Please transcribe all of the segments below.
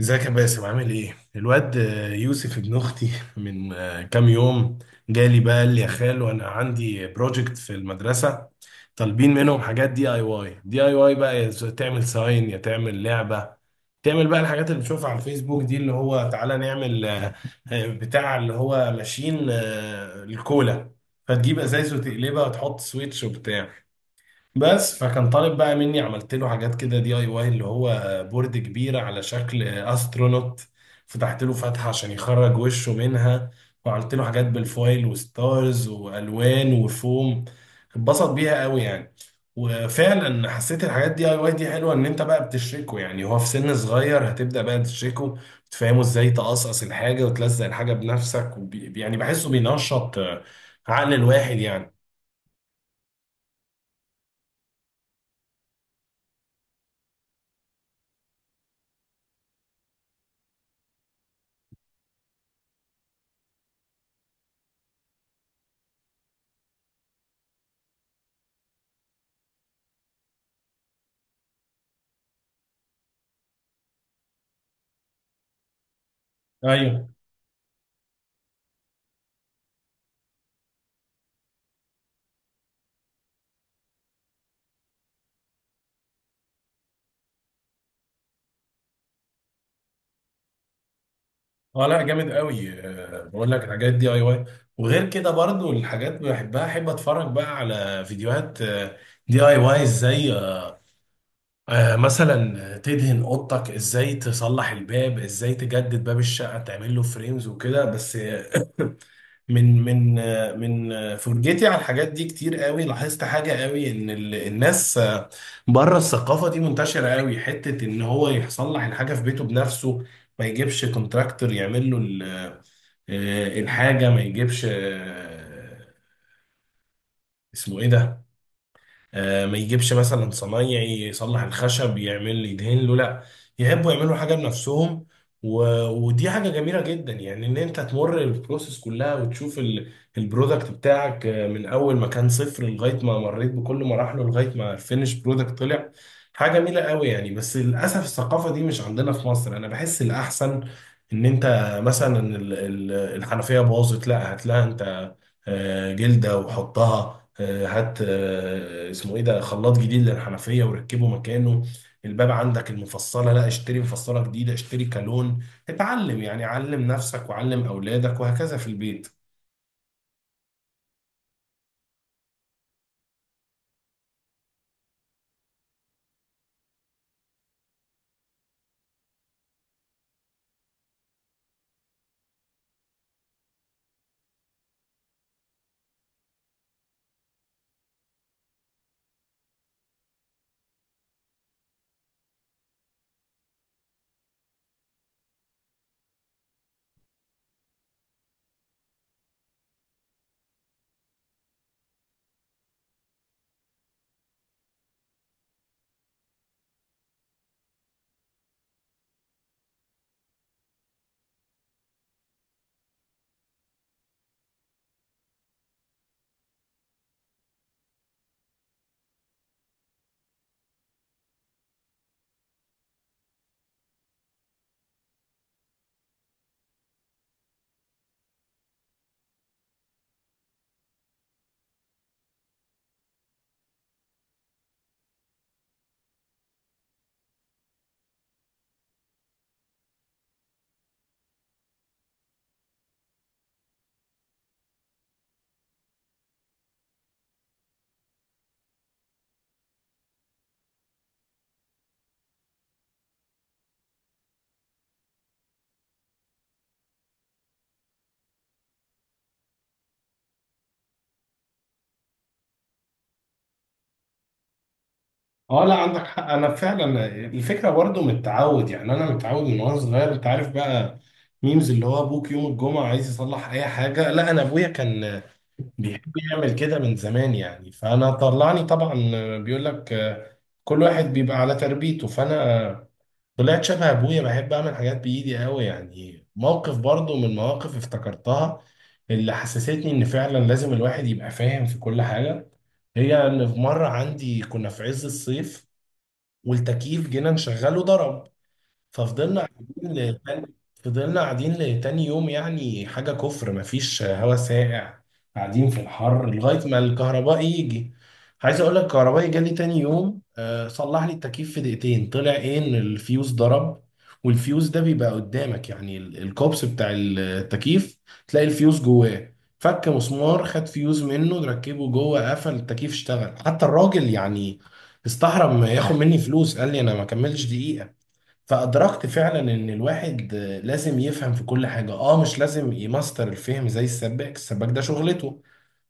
ازيك يا باسم؟ عامل ايه؟ الواد يوسف ابن اختي من كام يوم جالي، بقى قال لي يا خالو انا عندي بروجكت في المدرسة، طالبين منهم حاجات دي اي واي بقى تعمل ساين يا تعمل لعبة، تعمل بقى الحاجات اللي بتشوفها على الفيسبوك دي، اللي هو تعالى نعمل بتاع اللي هو ماشين الكولا، فتجيب ازايز وتقلبها وتحط سويتش وبتاع. بس فكان طالب بقى مني، عملت له حاجات كده دي اي واي اللي هو بورد كبيرة على شكل استرونوت، فتحت له فتحة عشان يخرج وشه منها، وعملت له حاجات بالفويل وستارز والوان وفوم. اتبسط بيها قوي يعني. وفعلا حسيت الحاجات دي اي واي دي حلوه، ان انت بقى بتشركه، يعني هو في سن صغير هتبدا بقى تشركه، تفهمه ازاي تقصقص الحاجه وتلزق الحاجه بنفسك، يعني بحسه بينشط عقل الواحد يعني. ايوه. اه، لا جامد قوي. بقول لك الحاجات دي اي واي، وغير كده برضو الحاجات بحبها، احب اتفرج بقى على فيديوهات دي اي واي ازاي، مثلا تدهن اوضتك، ازاي تصلح الباب، ازاي تجدد باب الشقه تعمل له فريمز وكده. بس من فرجتي على الحاجات دي كتير قوي، لاحظت حاجه قوي، ان الناس بره الثقافه دي منتشره قوي، حته ان هو يصلح الحاجه في بيته بنفسه، ما يجيبش كونتراكتور يعمل له الحاجة، ما يجيبش اسمه ايه ده، ما يجيبش مثلا صنايعي يصلح الخشب، يعمل يدهن له، لا يحبوا يعملوا حاجه بنفسهم. و... ودي حاجه جميله جدا يعني، ان انت تمر البروسيس كلها وتشوف البرودكت بتاعك من اول ما كان صفر لغايه ما مريت بكل مراحله لغايه ما الفينش برودكت طلع. حاجه جميله قوي يعني. بس للاسف الثقافه دي مش عندنا في مصر. انا بحس الاحسن ان انت مثلا الحنفيه باظت، لا هات لها انت جلده وحطها، هات اسمه ايه ده، خلاط جديد للحنفيه وركبه مكانه. الباب عندك المفصله، لا اشتري مفصله جديده، اشتري كالون، اتعلم يعني، علم نفسك وعلم اولادك وهكذا في البيت. اه لا عندك حق، انا فعلا الفكره برضو من التعود، يعني انا متعود من وانا صغير، انت عارف بقى ميمز اللي هو ابوك يوم الجمعه عايز يصلح اي حاجه، لا انا ابويا كان بيحب يعمل كده من زمان يعني، فانا طلعني طبعا. بيقول لك كل واحد بيبقى على تربيته، فانا طلعت شبه ابويا، بحب اعمل حاجات بايدي قوي يعني. موقف برضو من مواقف افتكرتها، اللي حسستني ان فعلا لازم الواحد يبقى فاهم في كل حاجة، هي ان في مرة عندي كنا في عز الصيف والتكييف جينا نشغله ضرب، ففضلنا قاعدين لتاني فضلنا قاعدين لتاني يوم، يعني حاجة كفر، مفيش هوا ساقع، قاعدين في الحر لغاية ما الكهرباء يجي. عايز اقول لك الكهربائي جالي تاني يوم صلح لي التكييف في دقيقتين، طلع ايه ان الفيوز ضرب، والفيوز ده بيبقى قدامك يعني الكوبس بتاع التكييف، تلاقي الفيوز جواه، فك مسمار، خد فيوز منه، ركبه جوه، قفل التكييف اشتغل. حتى الراجل يعني استحرم ياخد مني فلوس، قال لي انا ما كملش دقيقة. فأدركت فعلا إن الواحد لازم يفهم في كل حاجة. مش لازم يماستر الفهم زي السباك ده شغلته،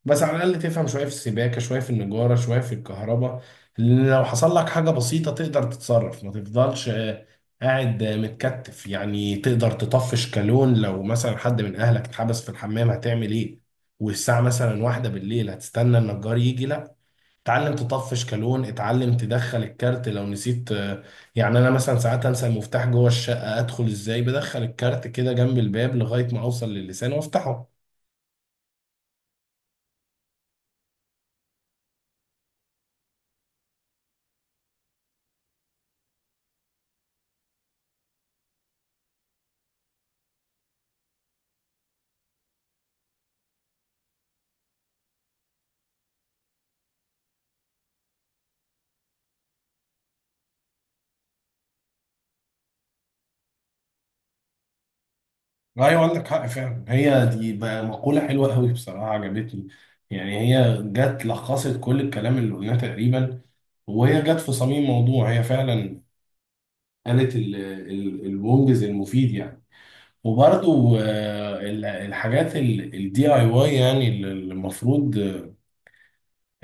بس على الأقل تفهم شوية في السباكة، شوية في النجارة، شوية في الكهرباء، لأن لو حصل لك حاجة بسيطة تقدر تتصرف، ما تفضلش قاعد متكتف يعني. تقدر تطفش كالون لو مثلا حد من أهلك اتحبس في الحمام، هتعمل إيه والساعة مثلا واحدة بالليل؟ هتستنى النجار يجي؟ لا، اتعلم تطفش كالون، اتعلم تدخل الكارت لو نسيت يعني انا مثلا ساعات انسى المفتاح جوه الشقه، ادخل ازاي؟ بدخل الكارت كده جنب الباب لغايه ما اوصل للسان وافتحه. ايوه عندك حق فعلا، هي دي بقى مقوله حلوه قوي بصراحه، عجبتني. يعني هي جت لخصت كل الكلام اللي قلناه تقريبا، وهي جت في صميم موضوع. هي فعلا قالت المنجز المفيد يعني. وبرضو الحاجات الدي اي واي يعني، اللي المفروض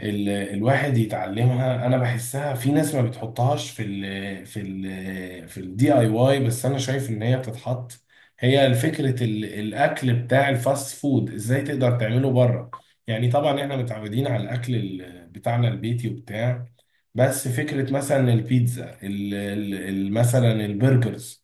الواحد يتعلمها، انا بحسها في ناس ما بتحطهاش في الدي اي واي، بس انا شايف ان هي بتتحط. هي فكرة الاكل بتاع الفاست فود ازاي تقدر تعمله بره. يعني طبعا احنا متعودين على الاكل بتاعنا البيتي وبتاع، بس فكرة مثلا البيتزا، مثلا البرجرز،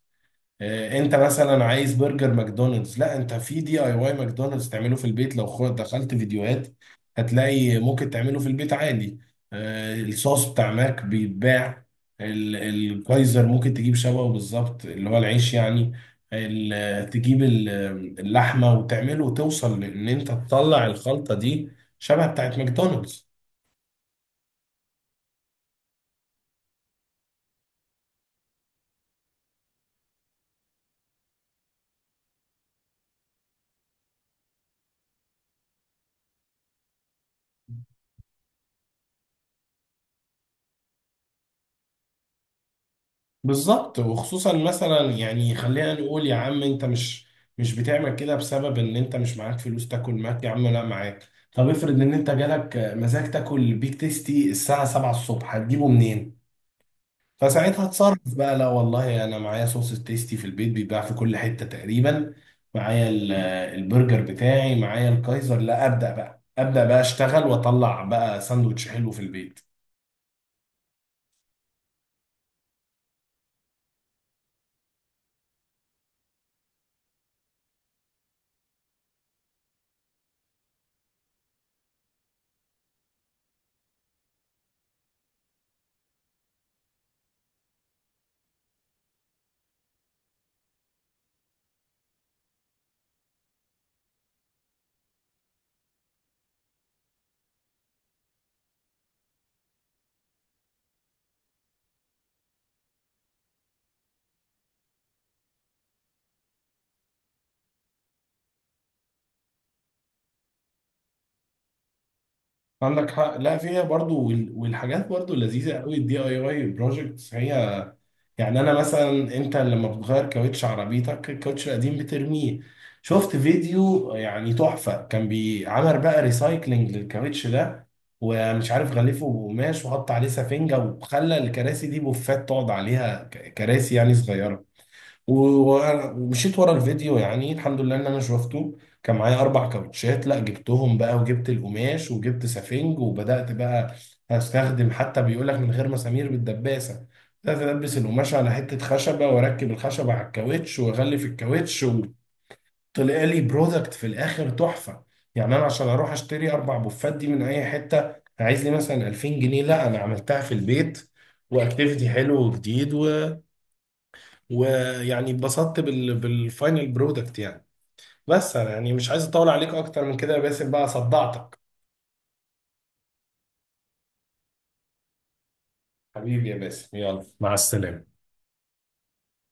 انت مثلا عايز برجر ماكدونالدز، لا انت في دي اي واي ماكدونالدز تعمله في البيت. لو دخلت فيديوهات هتلاقي ممكن تعمله في البيت عادي. الصوص بتاع ماك بيتباع، الكايزر ممكن تجيب شبهه بالظبط، اللي هو العيش يعني، تجيب اللحمة وتعمله، وتوصل لان انت تطلع الخلطة دي شبه بتاعت ماكدونالدز بالظبط. وخصوصا مثلا يعني، خلينا نقول يا عم انت مش بتعمل كده بسبب ان انت مش معاك فلوس تاكل ماك، يا عم لا معاك. طب افرض ان انت جالك مزاج تاكل بيك تيستي الساعة 7 الصبح، هتجيبه منين؟ فساعتها اتصرف بقى، لا والله انا معايا صوص التيستي، في البيت بيتباع في كل حتة تقريبا، معايا البرجر بتاعي، معايا الكايزر، لا ابدأ بقى، ابدأ بقى اشتغل واطلع بقى ساندوتش حلو في البيت. عندك حق، لا فيها برضو، والحاجات برضو لذيذه قوي الدي اي اي بروجكتس هي. يعني انا مثلا انت لما بتغير كاوتش عربيتك، الكاوتش القديم بترميه. شفت فيديو يعني تحفه، كان بيعمل بقى ريسايكلينج للكاوتش ده، ومش عارف غلفه بقماش وحط عليه سفنجه وخلى الكراسي دي بوفات تقعد عليها، كراسي يعني صغيره. ومشيت ورا الفيديو، يعني الحمد لله ان انا شفته، كان معايا اربع كاوتشات، لا جبتهم بقى وجبت القماش وجبت سفنج وبدات بقى استخدم، حتى بيقول لك من غير مسامير، بالدباسه. بدات البس القماش على حته خشبه واركب الخشبه على الكاوتش واغلف الكاوتش، وطلع لي برودكت في الاخر تحفه. يعني انا عشان اروح اشتري اربع بوفات دي من اي حته عايز لي مثلا 2000 جنيه، لا انا عملتها في البيت، واكتيفيتي حلو وجديد، ويعني اتبسطت بالفاينل برودكت يعني. بس انا يعني مش عايز اطول عليك اكتر من كده يا باسم، بقى صدعتك. حبيبي يا باسم، يلا مع السلامة.